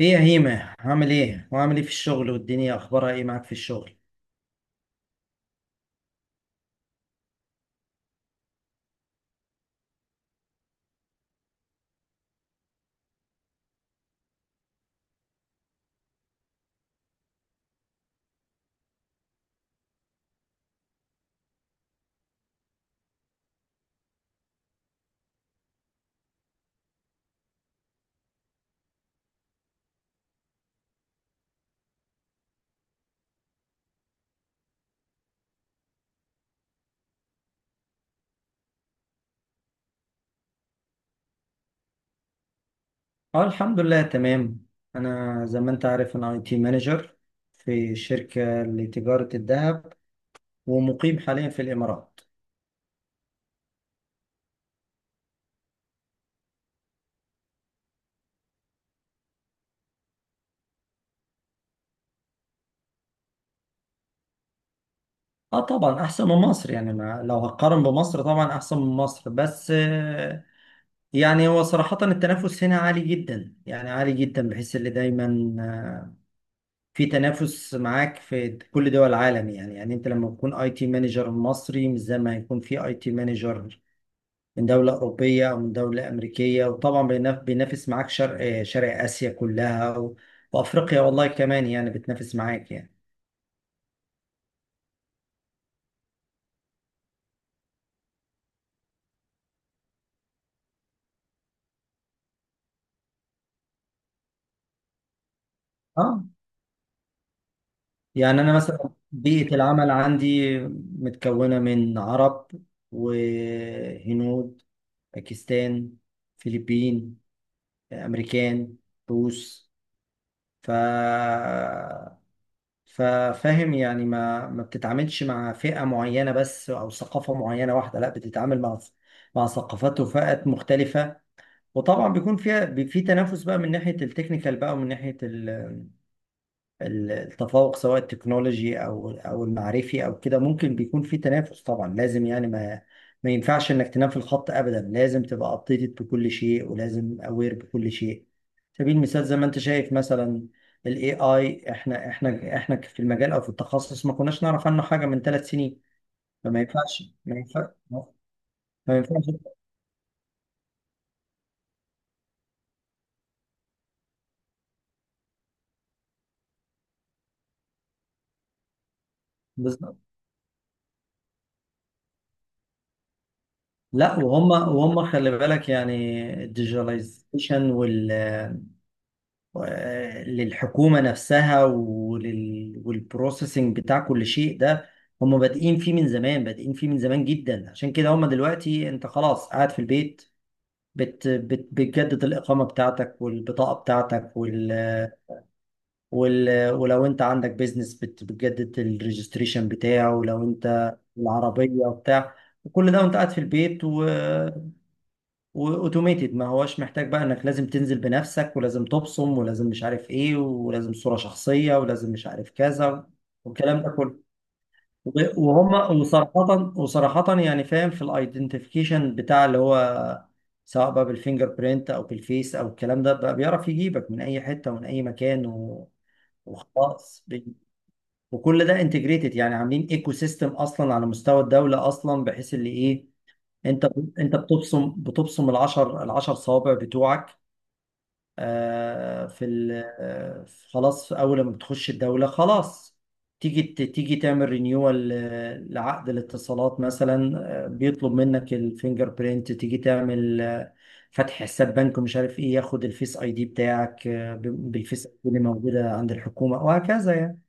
ايه يا هيمة، عامل ايه وعامل ايه في الشغل؟ والدنيا اخبارها ايه معاك في الشغل؟ اه، الحمد لله تمام. انا زي ما انت عارف انا اي تي مانجر في شركة لتجارة الذهب ومقيم حاليا في الامارات. اه طبعا احسن من مصر، يعني ما لو هقارن بمصر طبعا احسن من مصر، بس يعني هو صراحة التنافس هنا عالي جدا، يعني عالي جدا، بحيث اللي دايما آه، في تنافس معاك في كل دول العالم. يعني يعني انت لما تكون اي تي مانجر مصري مش زي ما هيكون في اي تي مانجر من دولة أوروبية أو من دولة أمريكية، وطبعا بينافس معاك شرق آسيا كلها و... وأفريقيا والله كمان يعني بتنافس معاك يعني. اه، يعني أنا مثلا بيئة العمل عندي متكونة من عرب وهنود، باكستان، فلبين، أمريكان، روس، ف ففاهم يعني ما بتتعاملش مع فئة معينة بس أو ثقافة معينة واحدة، لا، بتتعامل مع ثقافات وفئات مختلفة. وطبعا بيكون فيها في تنافس بقى من ناحية التكنيكال بقى ومن ناحية التفوق، سواء التكنولوجي او المعرفي او كده. ممكن بيكون في تنافس، طبعا لازم، يعني ما ينفعش انك تنام في الخط ابدا. لازم تبقى ابديتد بكل شيء، ولازم اوير بكل شيء. سبيل المثال زي ما انت شايف مثلا الاي اي، احنا في المجال او في التخصص ما كناش نعرف عنه حاجه من 3 سنين. فما ينفعش، ما ينفعش. بالظبط. لا، وهم، خلي بالك يعني الديجيتاليزيشن وال للحكومة نفسها ولل... والبروسيسنج بتاع كل شيء ده، هم بادئين فيه من زمان، بادئين فيه من زمان جدا. عشان كده هم دلوقتي انت خلاص قاعد في البيت بتجدد الإقامة بتاعتك والبطاقة بتاعتك وال... وال... ولو انت عندك بيزنس بتجدد الريجستريشن بتاعه، ولو انت العربية وبتاع، وكل ده وانت قاعد في البيت و... واوتوميتد، ما هوش محتاج بقى انك لازم تنزل بنفسك ولازم تبصم ولازم مش عارف ايه ولازم صورة شخصية ولازم مش عارف كذا والكلام ده كله. وب- وهم وصراحة، يعني فاهم، في الايدنتيفيكيشن بتاع اللي هو سواء بقى بالفينجر برينت او بالفيس او الكلام ده، بقى بيعرف يجيبك من اي حتة ومن اي مكان و... وخلاص وكل ده انتجريتد. يعني عاملين ايكو سيستم اصلا على مستوى الدولة اصلا، بحيث اللي ايه، انت انت بتبصم، العشر، صوابع بتوعك في ال... آه، خلاص اول ما بتخش الدوله خلاص، تيجي تعمل رينيوال لعقد الاتصالات مثلا، بيطلب منك الفينجر برينت. تيجي تعمل فتح حساب بنك ومش عارف ايه، ياخد الفيس اي دي بتاعك، بالفيس اي دي اللي موجوده عند الحكومه، وهكذا يعني.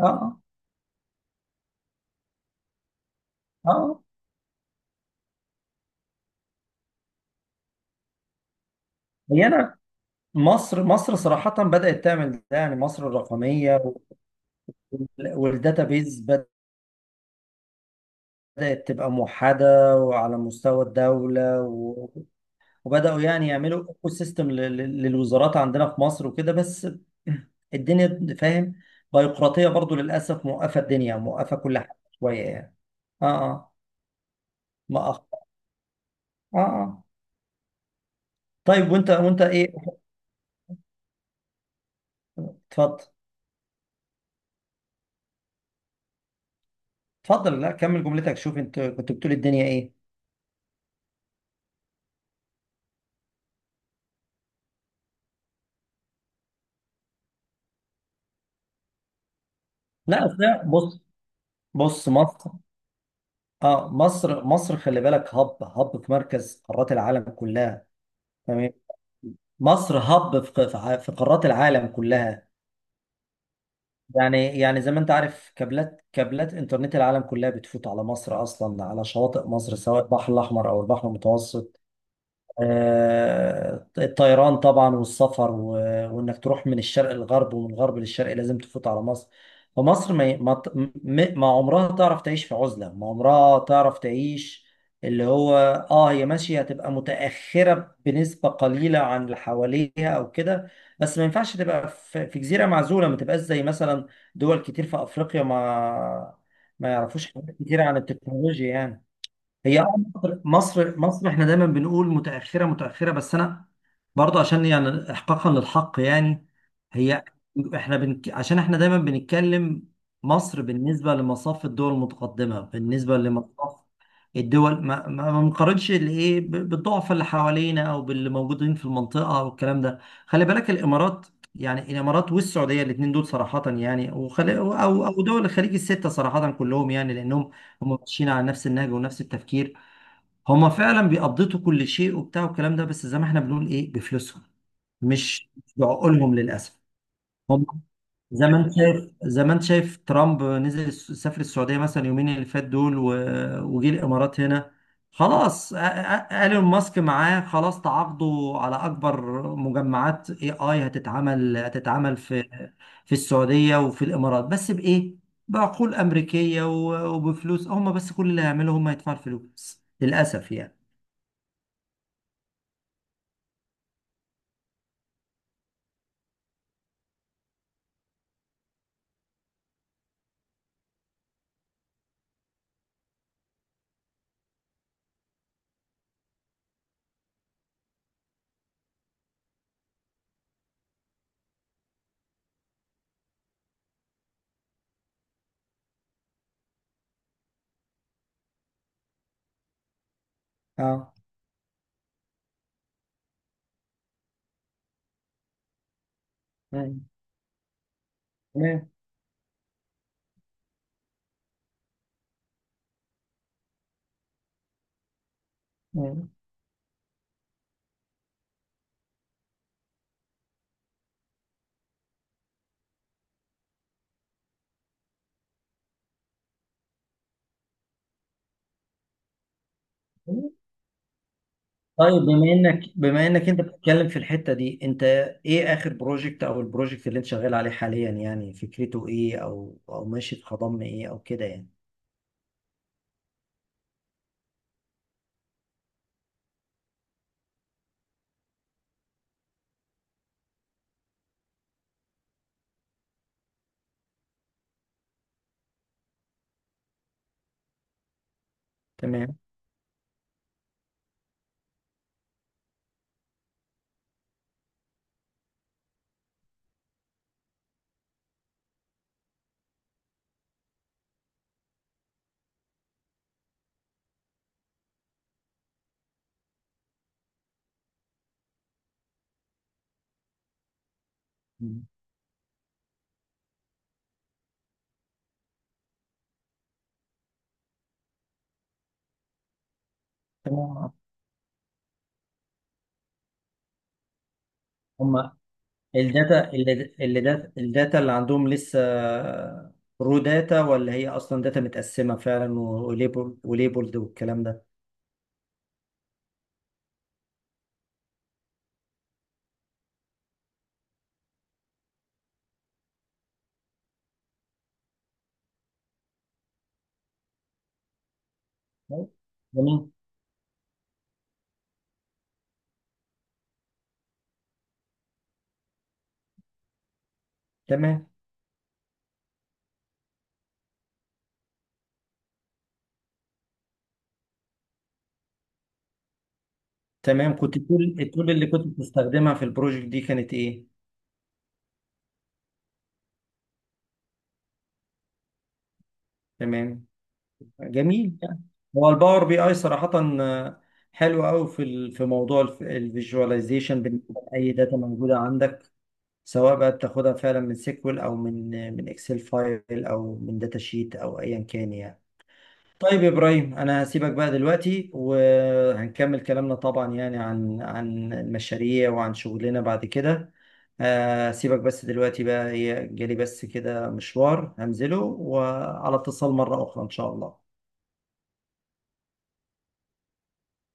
اه اه آه، هي انا، مصر صراحه بدات تعمل ده، يعني مصر الرقميه والداتابيز بدأت تبقى موحدة وعلى مستوى الدولة و... وبدأوا يعني يعملوا ايكو سيستم للوزارات عندنا في مصر وكده، بس الدنيا فاهم بيروقراطية برضو للأسف، موقفة الدنيا، موقفة كل حاجة شوية يعني. اه اه، ما أخ... اه اه، طيب وانت، ايه؟ اتفضل، لا كمل جملتك. شوف انت كنت بتقول الدنيا ايه؟ لا، بص، مصر، اه مصر، خلي بالك، هب في مركز قارات العالم كلها. مصر هب في في قارات العالم كلها، يعني، زي ما انت عارف، كابلات انترنت العالم كلها بتفوت على مصر اصلا، على شواطئ مصر، سواء البحر الاحمر او البحر المتوسط. الطيران طبعا والسفر و... وانك تروح من الشرق للغرب ومن الغرب للشرق لازم تفوت على مصر. فمصر ما ي- ما ت- م- ما عمرها تعرف تعيش في عزلة، ما عمرها تعرف تعيش. اللي هو اه، هي ماشية هتبقى متأخرة بنسبة قليلة عن اللي حواليها او كده، بس ما ينفعش تبقى في جزيرة معزولة، ما تبقاش زي مثلا دول كتير في افريقيا، ما يعرفوش حاجات كتير عن التكنولوجيا يعني. هي آه، مصر احنا دايما بنقول متأخرة، بس انا برضه عشان يعني احقاقا للحق يعني. هي احنا بنك... عشان احنا دايما بنتكلم مصر بالنسبة لمصاف الدول المتقدمة، بالنسبة لمصاف الدول، ما بنقارنش الايه بالضعف اللي حوالينا او باللي موجودين في المنطقة او الكلام ده. خلي بالك الامارات، يعني الامارات والسعودية الاثنين دول صراحة، يعني وخلي او دول الخليج الستة صراحة كلهم، يعني لانهم هم ماشيين على نفس النهج ونفس التفكير. هم فعلا بيقضوا كل شيء وبتاع والكلام ده، بس زي ما احنا بنقول ايه، بفلوسهم، مش بعقولهم للاسف. هم زي ما انت شايف، ترامب نزل سافر السعوديه مثلا يومين اللي فات دول و... وجي الامارات هنا. خلاص، ايلون ماسك معاه، خلاص تعاقدوا على اكبر مجمعات اي اي هتتعمل، في السعوديه وفي الامارات، بس بايه؟ بعقول امريكيه و... وبفلوس هم بس. كل اللي هيعملوا هم يدفعوا الفلوس للاسف يعني. اه، أيوة. تمام. أيوة، طيب بما انك، انت بتتكلم في الحتة دي، انت ايه اخر بروجكت او البروجكت اللي انت شغال عليه حاليا؟ يعني فكرته ايه، او ماشي في خضم ايه او كده يعني. تمام. مم. تمام. هما الداتا اللي، الداتا اللي عندهم لسه رو داتا، ولا هي اصلا داتا متقسمة فعلا وليبل وليبلد والكلام ده؟ طيب. جميل. تمام. تمام، كنت تقول التول اللي كنت بتستخدمها في البروجكت دي كانت ايه؟ تمام. جميل يعني. هو الباور بي اي صراحة آه، حلو قوي في ال- موضوع الفيجواليزيشن بالنسبة لأي داتا موجودة عندك، سواء بقى بتاخدها فعلا من سيكوال أو من من اكسل فايل أو من داتا شيت أو أيا كان يعني. طيب يا إبراهيم، أنا هسيبك بقى دلوقتي، وهنكمل كلامنا طبعا يعني عن المشاريع وعن شغلنا بعد كده. سيبك بس دلوقتي بقى، هي جالي بس كده مشوار هنزله، وعلى اتصال مرة أخرى إن شاء الله.